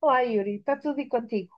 Olá, Yuri, está tudo e contigo?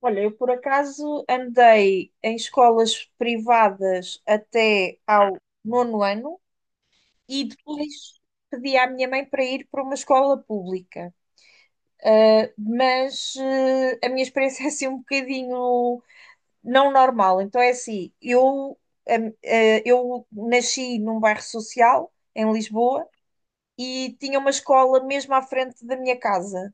Olha, eu por acaso andei em escolas privadas até ao nono ano e depois pedi à minha mãe para ir para uma escola pública. Mas a minha experiência é assim um bocadinho não normal. Então é assim, eh, eu nasci num bairro social em Lisboa e tinha uma escola mesmo à frente da minha casa.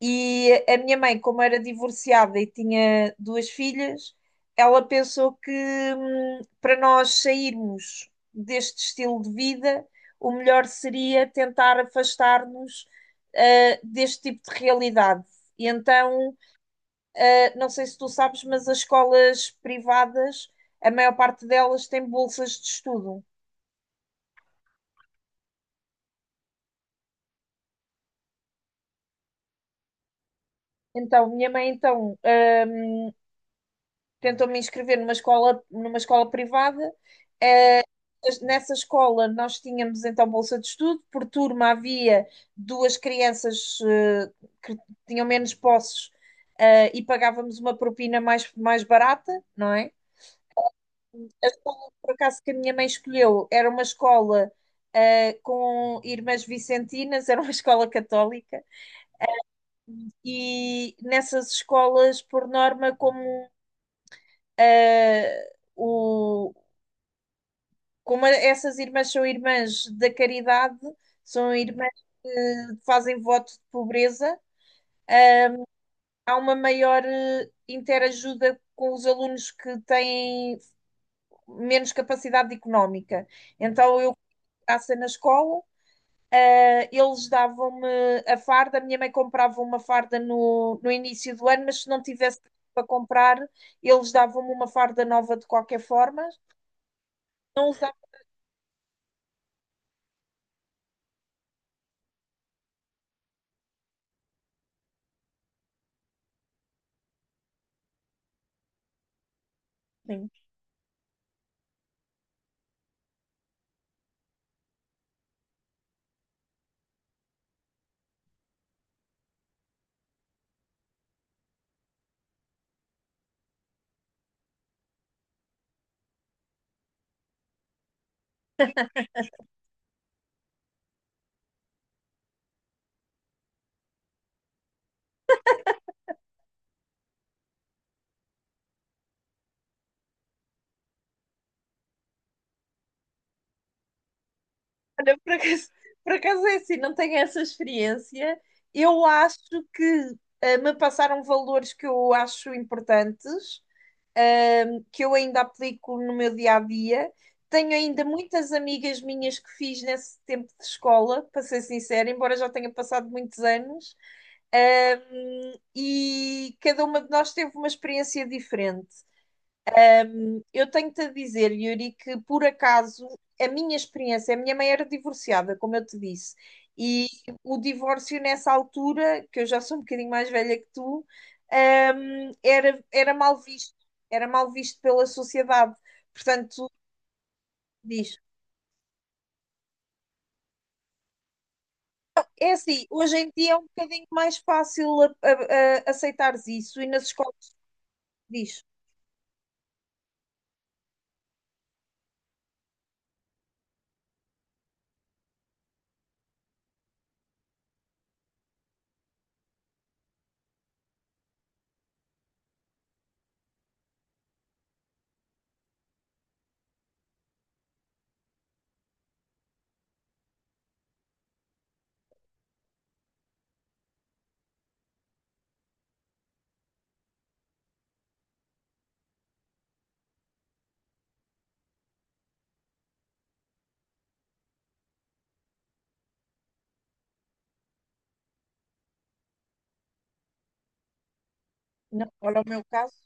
E a minha mãe, como era divorciada e tinha duas filhas, ela pensou que para nós sairmos deste estilo de vida, o melhor seria tentar afastar-nos deste tipo de realidade. E então, não sei se tu sabes, mas as escolas privadas, a maior parte delas tem bolsas de estudo. Então, minha mãe então tentou me inscrever numa escola privada. Eh, Nessa escola nós tínhamos então bolsa de estudo, por turma havia duas crianças que tinham menos posses, e pagávamos uma propina mais barata, não é? A escola, por acaso, que a minha mãe escolheu era uma escola com irmãs vicentinas, era uma escola católica, e nessas escolas, por norma, como eh, o Como a- essas irmãs são irmãs da caridade, são irmãs que fazem voto de pobreza, há uma maior interajuda com os alunos que têm menos capacidade económica. Então eu passei na escola, eles davam-me a farda, a minha mãe comprava uma farda no início do ano, mas se não tivesse para comprar, eles davam-me uma farda nova de qualquer forma. Não usava. Olha, por acaso é assim, não tenho essa experiência. Eu acho que me passaram valores que eu acho importantes, que eu ainda aplico no meu dia a dia. Tenho ainda muitas amigas minhas que fiz nesse tempo de escola, para ser sincera, embora já tenha passado muitos anos, e cada uma de nós teve uma experiência diferente. Eu tenho-te a dizer, Yuri, que por acaso a minha experiência, a minha mãe era divorciada, como eu te disse, e o divórcio nessa altura, que eu já sou um bocadinho mais velha que tu, hum, era, era mal visto, era mal visto pela sociedade. Portanto, diz. É assim, hoje em dia é um bocadinho mais fácil aceitares isso e nas escolas diz. Não, olha o meu caso.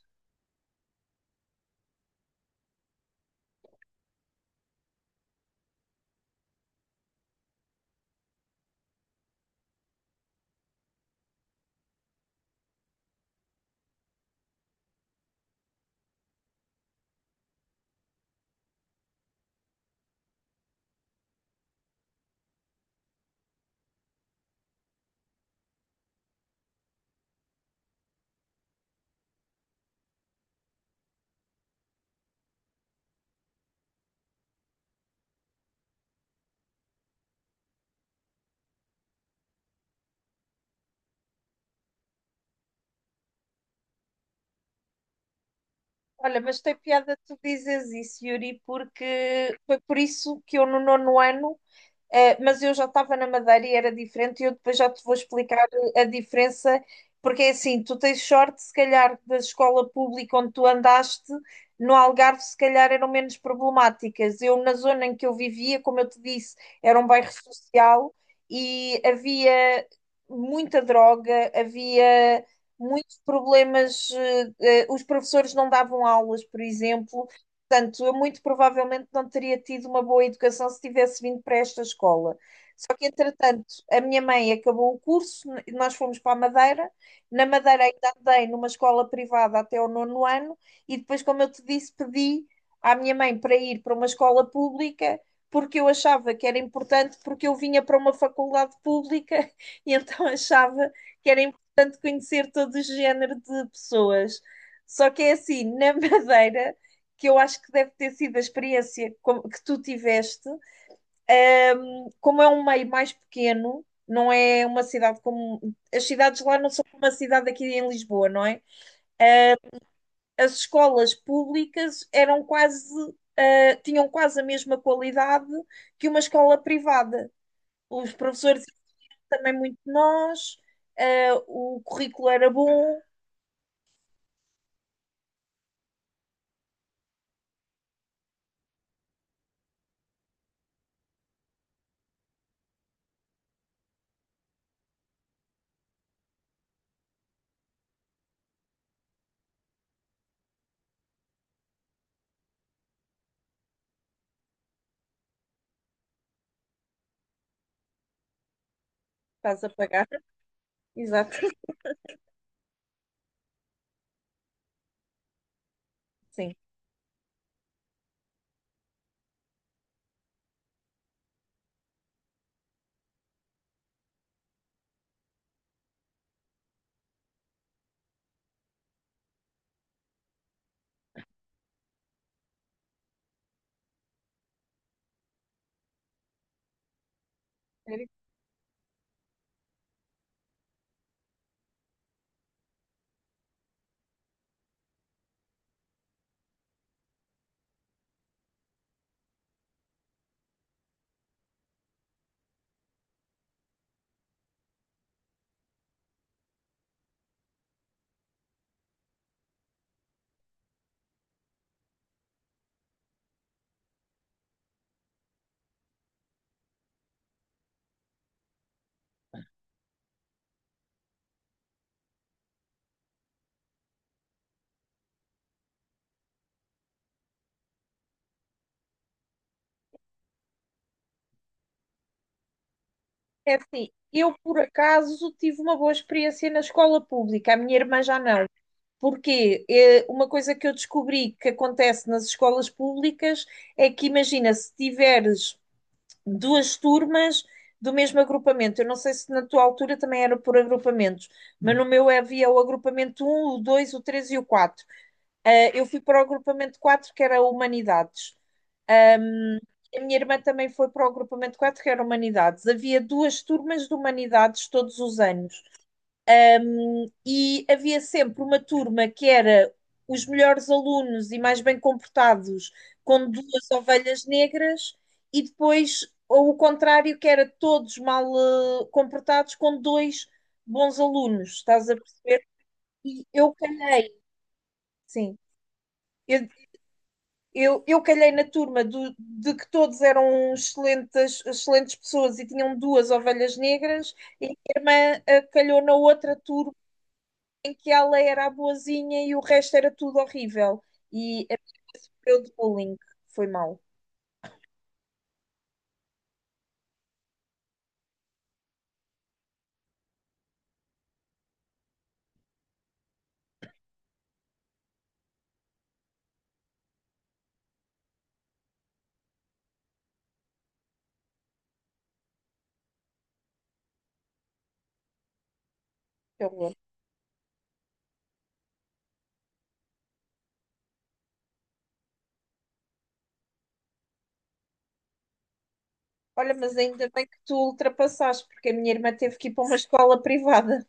Olha, mas tem piada tu dizes isso, Yuri, porque foi por isso que eu no nono ano. Mas eu já estava na Madeira e era diferente, e eu depois já te vou explicar a diferença, porque é assim, tu tens sorte, se calhar, da escola pública onde tu andaste, no Algarve, se calhar eram menos problemáticas. Eu, na zona em que eu vivia, como eu te disse, era um bairro social e havia muita droga, havia muitos problemas, os professores não davam aulas, por exemplo. Portanto, eu muito provavelmente não teria tido uma boa educação se tivesse vindo para esta escola. Só que, entretanto, a minha mãe acabou o curso, nós fomos para a Madeira. Na Madeira ainda andei numa escola privada até o nono ano, e depois, como eu te disse, pedi à minha mãe para ir para uma escola pública, porque eu achava que era importante, porque eu vinha para uma faculdade pública, e então achava que era importante conhecer todo o género de pessoas. Só que é assim, na Madeira, que eu acho que deve ter sido a experiência que tu tiveste, como é um meio mais pequeno, não é uma cidade como. As cidades lá não são como a cidade aqui em Lisboa, não é? As escolas públicas eram quase. Tinham quase a mesma qualidade que uma escola privada. Os professores eram também muito nós, o currículo era bom, estás a pagar, exato, sim. É assim, eu por acaso tive uma boa experiência na escola pública, a minha irmã já não. Porque uma coisa que eu descobri que acontece nas escolas públicas é que, imagina, se tiveres duas turmas do mesmo agrupamento, eu não sei se na tua altura também era por agrupamentos, mas no meu havia o agrupamento um, o 2, o 3 e o 4. Ah, eu fui para o agrupamento 4, que era Humanidades. Ahm, a minha irmã também foi para o agrupamento 4, que era Humanidades. Havia duas turmas de Humanidades todos os anos. E havia sempre uma turma que era os melhores alunos e mais bem comportados, com duas ovelhas negras, e depois ou o contrário, que era todos mal comportados, com dois bons alunos, estás a perceber? E eu calhei, sim. Eu eu calhei na turma do- de que todos eram excelentes, excelentes pessoas e tinham duas ovelhas negras, e a minha irmã calhou na outra turma em que ela era a boazinha e o resto era tudo horrível. E a minha irmã sofreu de bullying. Foi mal, que horror. Olha, mas ainda bem que tu ultrapassaste, porque a minha irmã teve que ir para uma escola privada.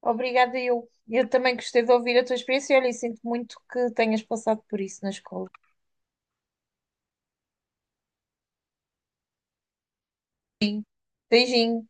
Obrigada, eu. Eu também gostei de ouvir a tua experiência e olha, e sinto muito que tenhas passado por isso na escola. Beijinho.